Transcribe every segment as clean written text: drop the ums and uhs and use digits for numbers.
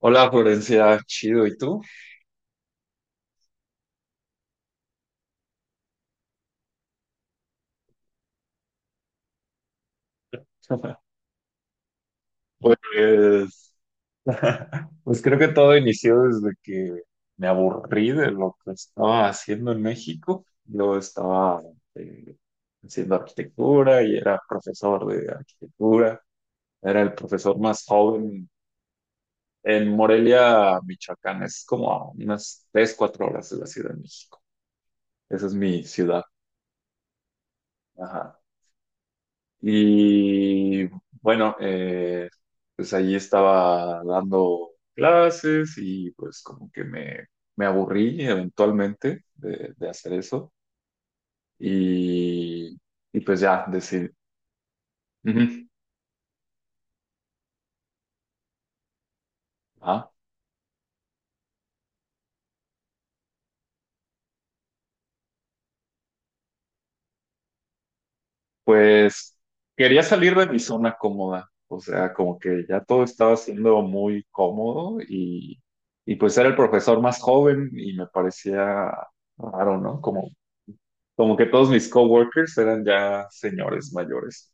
Hola Florencia, chido, ¿y tú? Pues, pues creo que todo inició desde que me aburrí de lo que estaba haciendo en México. Yo estaba eh, haciendo arquitectura y era profesor de arquitectura. Era el profesor más joven en Morelia, Michoacán. Es como a unas 3, 4 horas de la Ciudad de México. Esa es mi ciudad. Ajá. Y bueno, pues allí estaba dando clases y pues como que me aburrí eventualmente de hacer eso. Y, y pues ya decidí. Ujú. Ah, pues quería salir de mi zona cómoda. O sea, como que ya todo estaba siendo muy cómodo y pues era el profesor más joven y me parecía raro, ¿no? Como que todos mis coworkers eran ya señores mayores.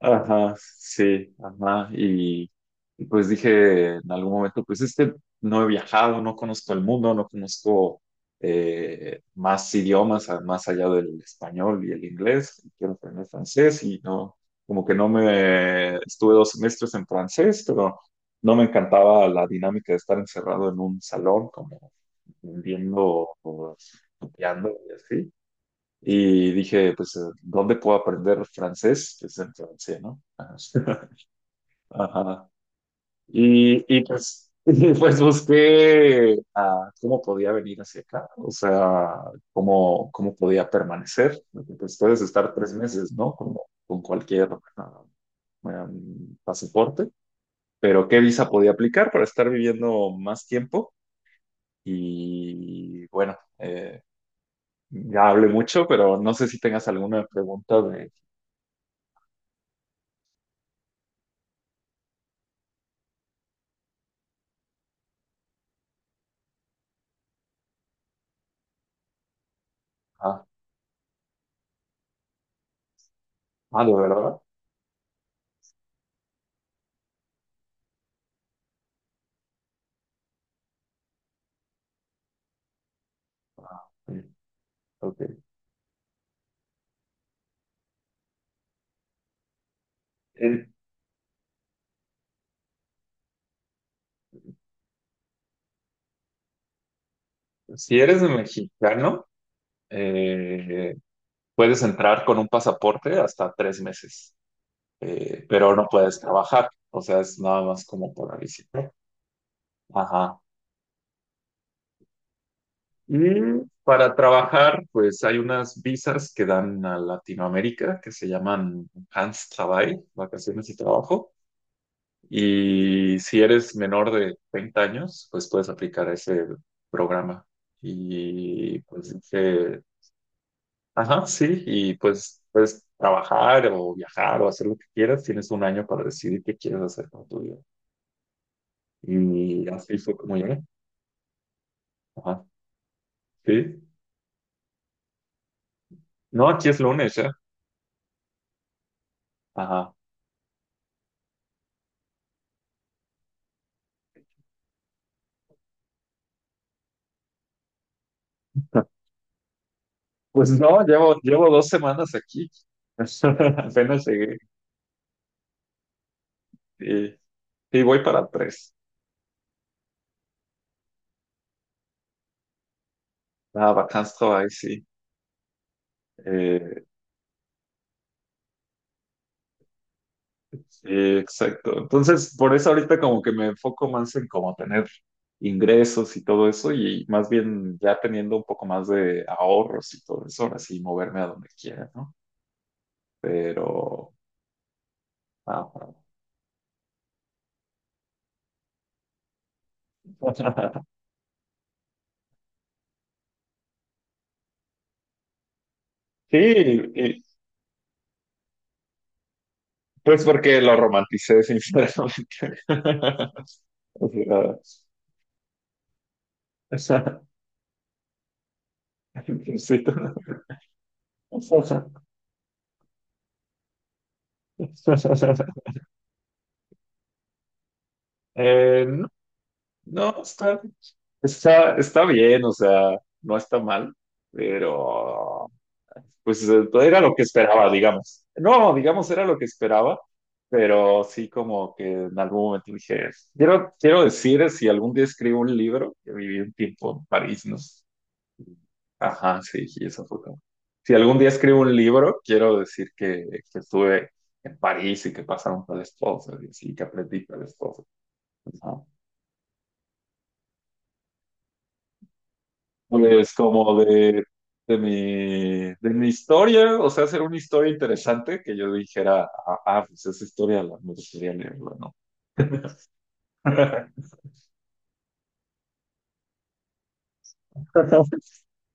Ajá, sí, ajá. Y pues dije en algún momento, pues es que no he viajado, no conozco el mundo, no conozco más idiomas, más allá del español y el inglés. Quiero aprender francés y no, como que no me, estuve dos semestres en francés, pero no me encantaba la dinámica de estar encerrado en un salón, como viendo, o estudiando y así. Y dije, pues, ¿dónde puedo aprender francés? Pues en Francia, ¿no? Ajá. Ajá. Y pues, y, pues busqué cómo podía venir hacia acá, o sea, cómo podía permanecer. Porque, pues puedes estar tres meses, ¿no? Como, con cualquier ah, pasaporte, pero ¿qué visa podía aplicar para estar viviendo más tiempo? Y bueno, ya hablé mucho, pero no sé si tengas alguna pregunta de. ah, Ah, ¿de verdad? Ah, mm, ok. Eh, si eres mexicano, eh, puedes entrar con un pasaporte hasta tres meses, pero no puedes trabajar. O sea, es nada más como para visitar. Ajá. Y para trabajar, pues hay unas visas que dan a Latinoamérica que se llaman Hans Travail, vacaciones y trabajo. Y si eres menor de 30 años, pues puedes aplicar ese programa. Y pues dije, ajá, sí, y pues puedes trabajar o viajar o hacer lo que quieras. Tienes un año para decidir qué quieres hacer con tu vida. Y así fue como llegué. Ajá, sí. No, aquí es lunes ya. Ajá. Pues no, llevo dos semanas aquí. Apenas llegué. Y, y voy para tres. Ah, vacances, travail, sí. Eh, Sí, exacto. Entonces, por eso ahorita como que me enfoco más en como tener ingresos y todo eso y más bien ya teniendo un poco más de ahorros y todo eso, ahora sí moverme a donde quiera, ¿no? Pero. ah, sí, y- pues porque lo romanticé, sinceramente. O sea, sí. No, no, está bien, o sea, no está mal, pero pues pues, era lo que esperaba, digamos. No, digamos, era lo que esperaba, pero sí como que en algún momento dije, quiero decir, si algún día escribo un libro, que viví un tiempo en París, ¿no? Ajá, sí, sí, eso fue como. Si algún día escribo un libro, quiero decir que estuve en París y que pasaron tales cosas y así, que aprendí tales cosas. Pues como de mi historia, o sea, hacer una historia interesante que yo dijera, pues esa historia me gustaría leerla, ¿no?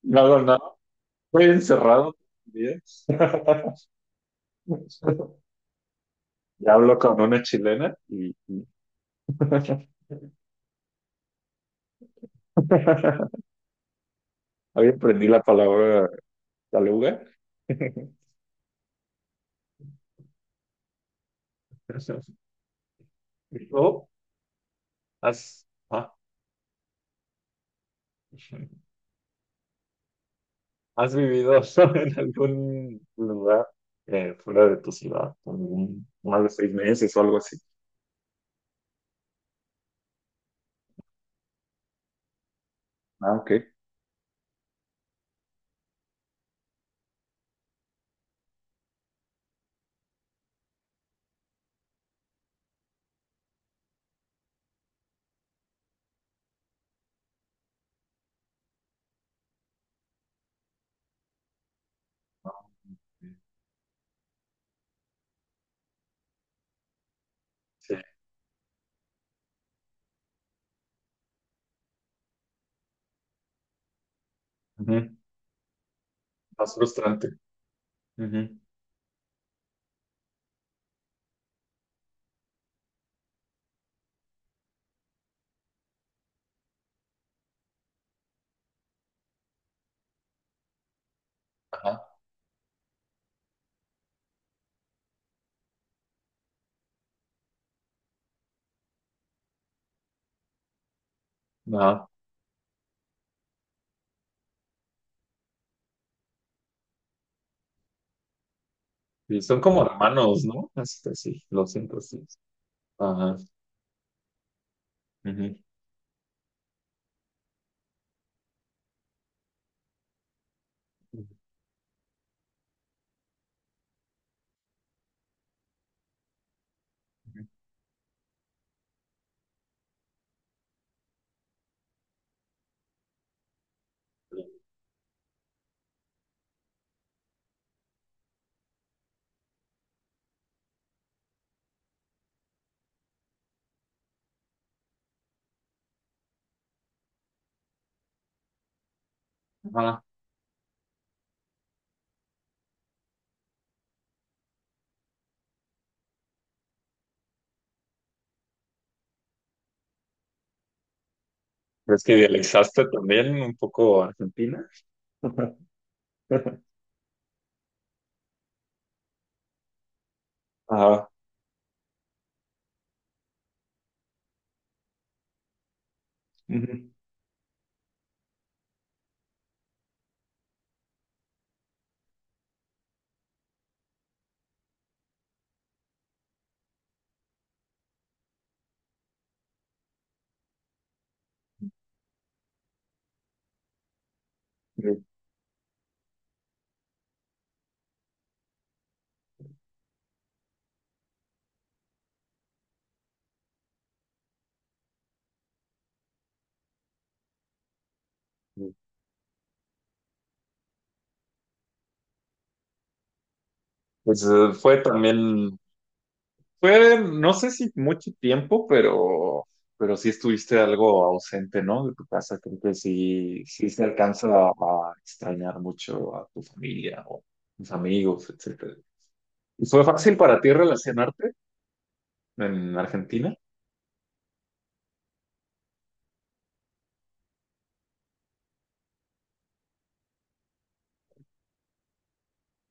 No hago nada, estoy encerrado bien. Y hablo con una chilena hoy aprendí la palabra taluga. ¿Eso? ¿Y tú? ¿Has? Ah. ¿Has vivido en algún lugar fuera de tu ciudad? Más de seis meses o algo así. Ah, ok. Ah, ok. Sí. Ujú. Más frustrante. Ujú. Ajá. Ajá. Y son como hermanos, ¿no? Este, sí, lo siento, sí. Ajá. Ujú. Ajá. ¿Crees que idealizaste también un poco Argentina? Ajá. Ujú. Sí, sí. Pues fue también. Fue, no sé si mucho tiempo, pero sí estuviste algo ausente, ¿no? De tu casa. Creo que sí, sí se alcanza a extrañar mucho a tu familia o tus amigos, etcétera. ¿Y fue fácil para ti relacionarte en Argentina?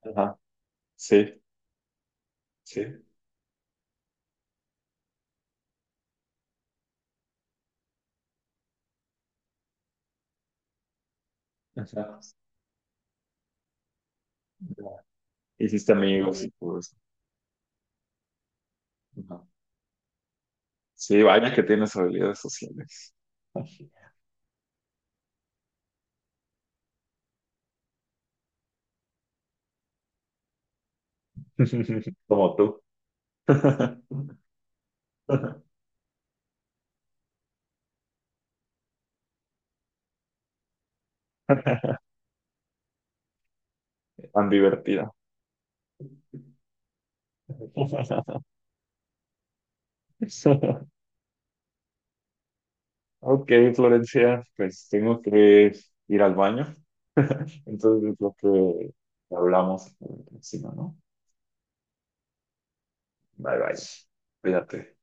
Ajá, sí, sí. Ajá. Ya. Hiciste amigos y todo eso. Ajá. Sí, vaya que tienes habilidades sociales. Como tú. Tan divertida. Ok, Florencia, pues tengo que ir al baño. Entonces, creo que hablamos por encima, ¿no? Bye bye. Cuídate.